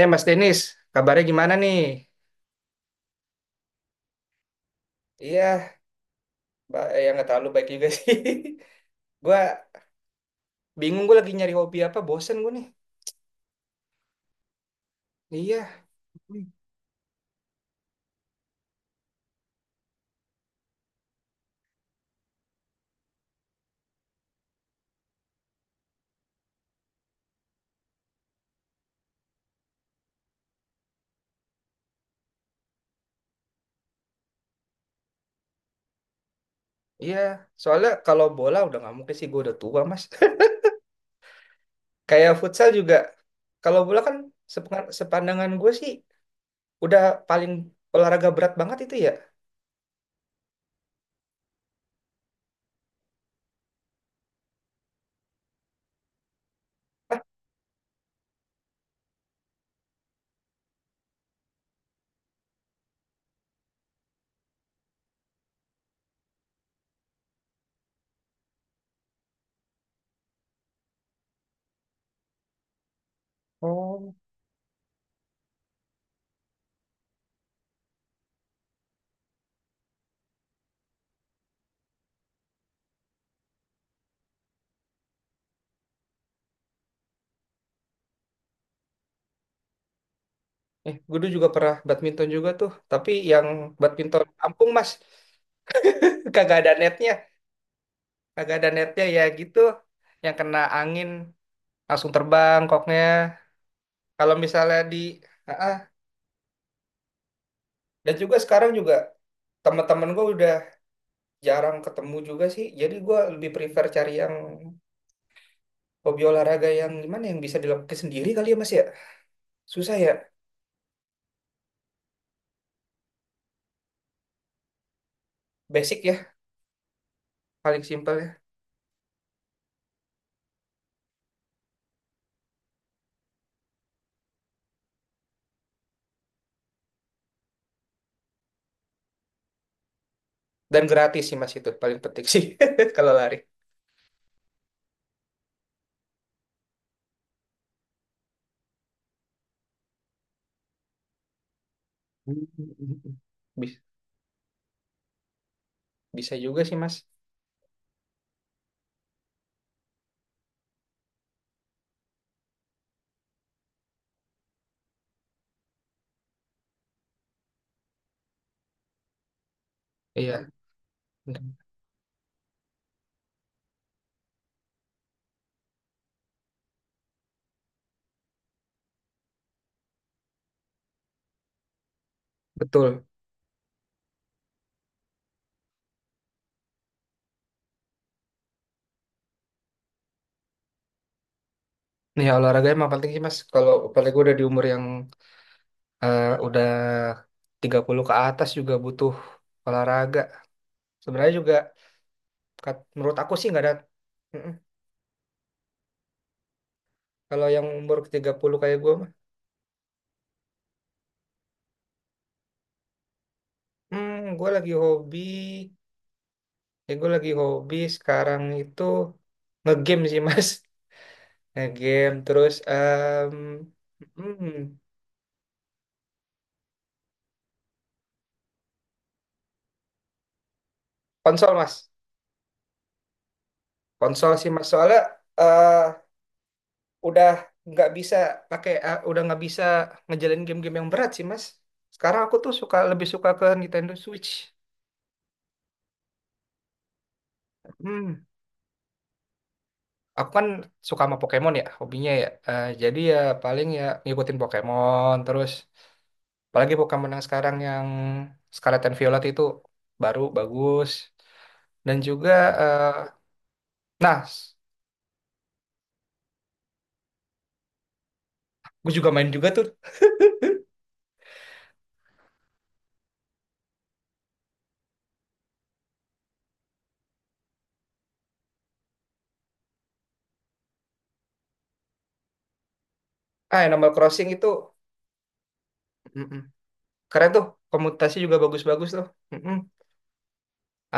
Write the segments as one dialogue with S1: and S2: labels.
S1: Eh Mas Denis, kabarnya gimana nih? Iya, ya nggak terlalu baik juga sih. Gua bingung, gue lagi nyari hobi apa, bosen gue nih. Iya. Hmm. Iya. Soalnya kalau bola udah nggak mungkin sih, gue udah tua Mas. Kayak futsal juga. Kalau bola kan sepandangan gue sih udah paling olahraga berat banget itu ya. Oh. Eh, gue dulu juga pernah badminton juga tuh, tapi yang badminton kampung Mas, kagak ada netnya, kagak ada netnya ya gitu, yang kena angin, langsung terbang koknya. Kalau misalnya di ah, ah, dan juga sekarang juga teman-teman gue udah jarang ketemu juga sih. Jadi gue lebih prefer cari yang hobi olahraga yang gimana yang bisa dilakukan sendiri kali ya Mas ya. Susah ya, basic ya, paling simpel ya. Dan gratis sih Mas, itu paling penting sih kalau lari. Bis- Bisa juga sih Mas. Iya, betul. Nih olahraga emang penting sih Mas. Kalau apalagi gue udah di umur yang udah 30 ke atas, juga butuh olahraga. Sebenarnya juga menurut aku sih nggak ada. Mm-mm. Kalau yang umur 30 kayak gue mah, hmm, gue lagi hobi, ya gue lagi hobi sekarang itu ngegame sih mas, ngegame terus mm, konsol mas, konsol sih mas soalnya eh, udah nggak bisa pakai, udah nggak bisa ngejalanin game-game yang berat sih mas. Sekarang aku tuh suka, lebih suka ke Nintendo Switch. Hmm, aku kan suka sama Pokemon ya, hobinya ya. Eh, jadi ya paling ya ngikutin Pokemon terus. Apalagi Pokemon yang sekarang yang Scarlet and Violet itu baru bagus. Dan juga, eh, nah, gue juga main juga tuh. Ah, Animal Crossing itu mm-mm, keren tuh. Komutasi juga bagus-bagus tuh. Mm-mm.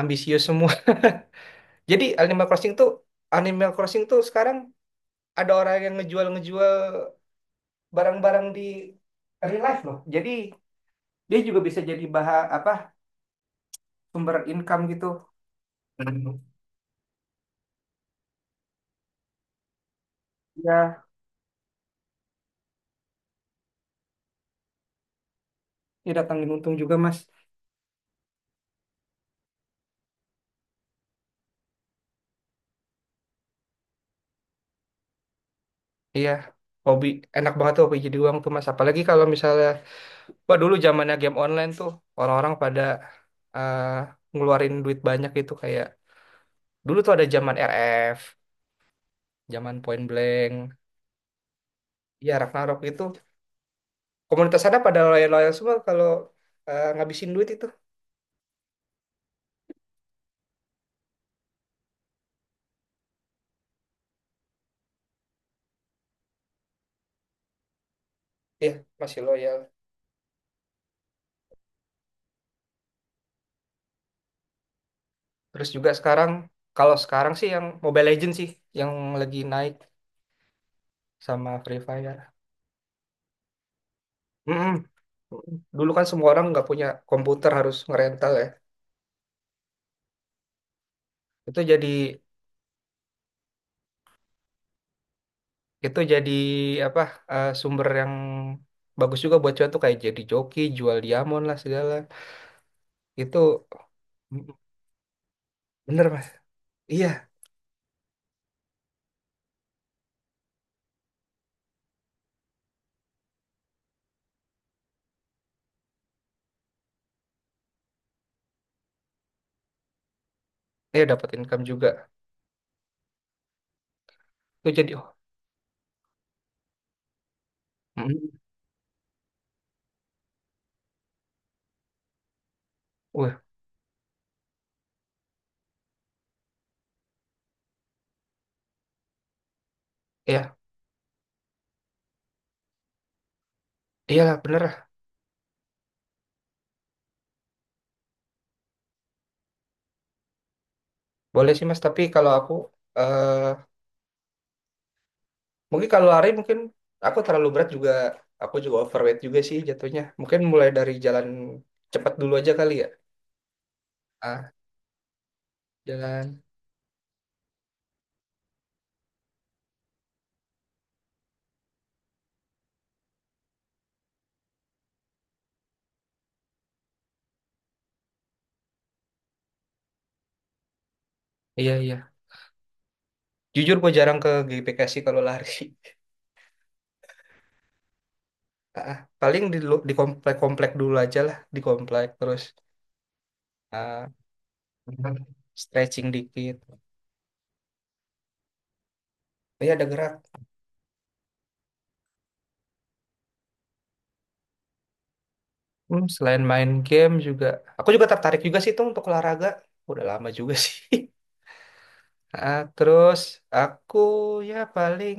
S1: Ambisius semua. Jadi Animal Crossing tuh sekarang ada orang yang ngejual-ngejual barang-barang di real life loh. Jadi dia juga bisa jadi bahan apa, sumber income gitu. Hmm. Ya, dia datangin untung juga mas. Iya hobi, enak banget tuh hobi jadi uang tuh mas apalagi kalau misalnya wah dulu zamannya game online tuh orang-orang pada eh, ngeluarin duit banyak gitu kayak dulu tuh ada zaman RF, zaman Point Blank. Ya Ragnarok itu komunitas ada pada loyal-loyal semua kalau ngabisin duit itu. Ya masih loyal. Terus juga sekarang, kalau sekarang sih yang Mobile Legends sih yang lagi naik sama Free Fire. Mm-mm. Dulu kan semua orang nggak punya komputer, harus ngerental ya. Itu jadi, itu jadi apa, sumber yang bagus juga buat cuan tuh kayak jadi joki, jual diamond lah segala. Itu mm, bener mas. Iya, iya dapat income juga. Itu jadi oh, mm, wah, iya, iyalah bener lah. Boleh sih mas. Tapi kalau aku eh mungkin kalau lari mungkin aku terlalu berat juga. Aku juga overweight juga sih jatuhnya. Mungkin mulai dari jalan cepat dulu aja kali ya. Ah, jalan. Iya, iya. Jujur gue jarang ke GBK sih kalau lari. Ah, ah, paling di, di komplek-komplek dulu aja lah. Di komplek. Terus ah, stretching dikit. Tapi ada gerak. Hmm, selain main game juga. Aku juga tertarik juga sih tuh untuk olahraga. Udah lama juga sih. Ah, terus aku ya paling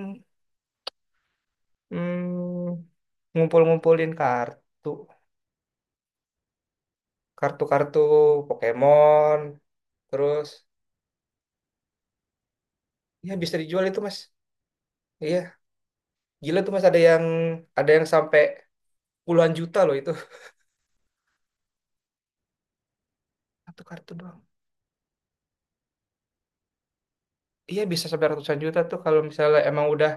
S1: hmm, ngumpul-ngumpulin kartu. Kartu-kartu Pokemon. Terus ya bisa dijual itu mas. Iya. Gila tuh Mas, ada yang, ada yang sampai puluhan juta loh itu. Satu kartu doang. Iya bisa sampai ratusan juta tuh kalau misalnya emang udah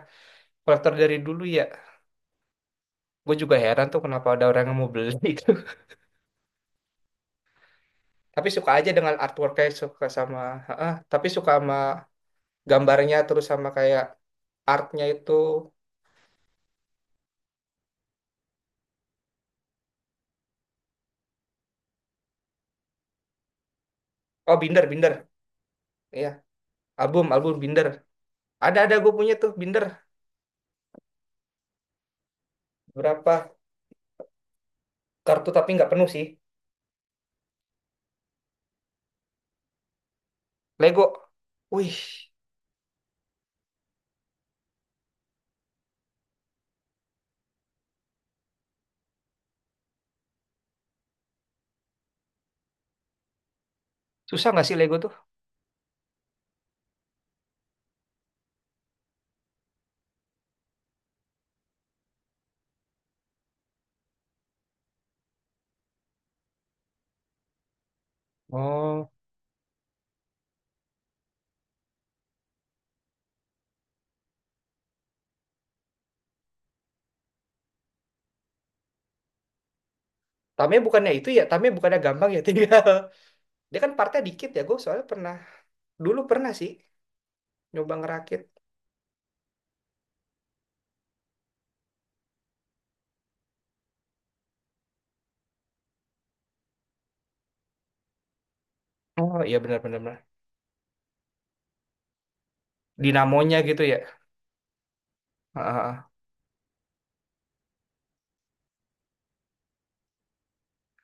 S1: kolektor dari dulu ya. Gue juga heran tuh kenapa ada orang yang mau beli itu. Tapi suka aja dengan artworknya, suka sama, heeh, tapi suka sama gambarnya terus sama kayak artnya itu. Oh, binder, iya, album, binder. Ada gue punya tuh binder berapa kartu, tapi nggak penuh sih. Lego. Wih, susah nggak sih Lego tuh? Oh, Tame bukannya itu ya, Tame bukannya gampang ya tinggal. Dia kan partnya dikit ya, gue soalnya pernah, dulu pernah sih nyoba ngerakit. Oh iya benar-benar. Dinamonya gitu ya. Ah, ah, ah.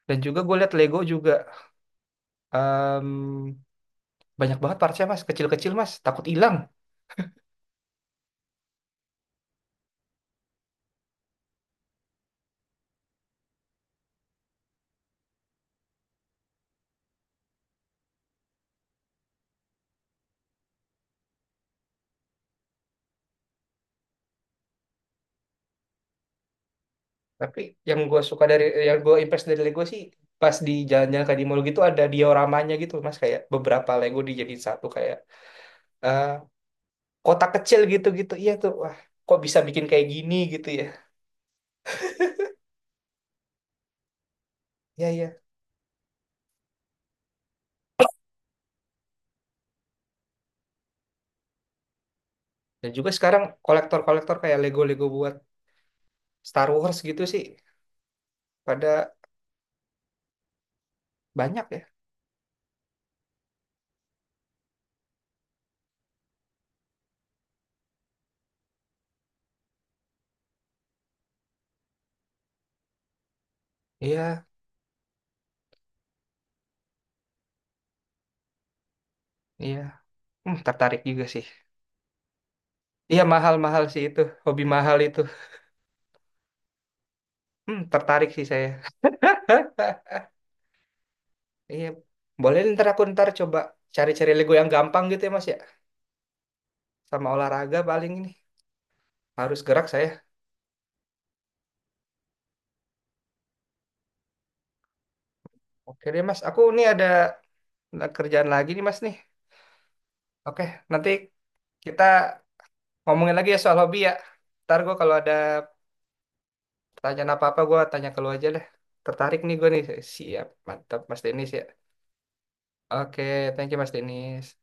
S1: Dan juga gue liat Lego juga em, banyak banget partnya mas, kecil-kecil mas, takut hilang. Tapi yang gue suka dari, yang gue impress dari Lego sih pas di jalan-jalan kayak di mall gitu ada dioramanya gitu mas kayak beberapa Lego dijadiin satu kayak eh, kotak kecil gitu-gitu. Iya tuh, wah kok bisa bikin kayak gini gitu ya. Iya, iya. Dan juga sekarang kolektor-kolektor kayak Lego-Lego buat Star Wars gitu sih pada banyak ya. Iya, iya. Hmm, tertarik juga sih. Iya mahal-mahal sih itu, hobi mahal itu. Hmm, tertarik sih saya. Iya, boleh ntar aku ntar coba cari-cari Lego yang gampang gitu ya Mas ya. Sama olahraga paling ini. Harus gerak saya. Oke deh Mas, aku ini ada kerjaan lagi nih Mas nih. Oke, nanti kita ngomongin lagi ya soal hobi ya. Ntar gue kalau ada pertanyaan apa-apa gue tanya ke lu aja deh. Tertarik nih gue nih. Siap, mantap Mas Denis ya. Oke, thank you Mas Denis.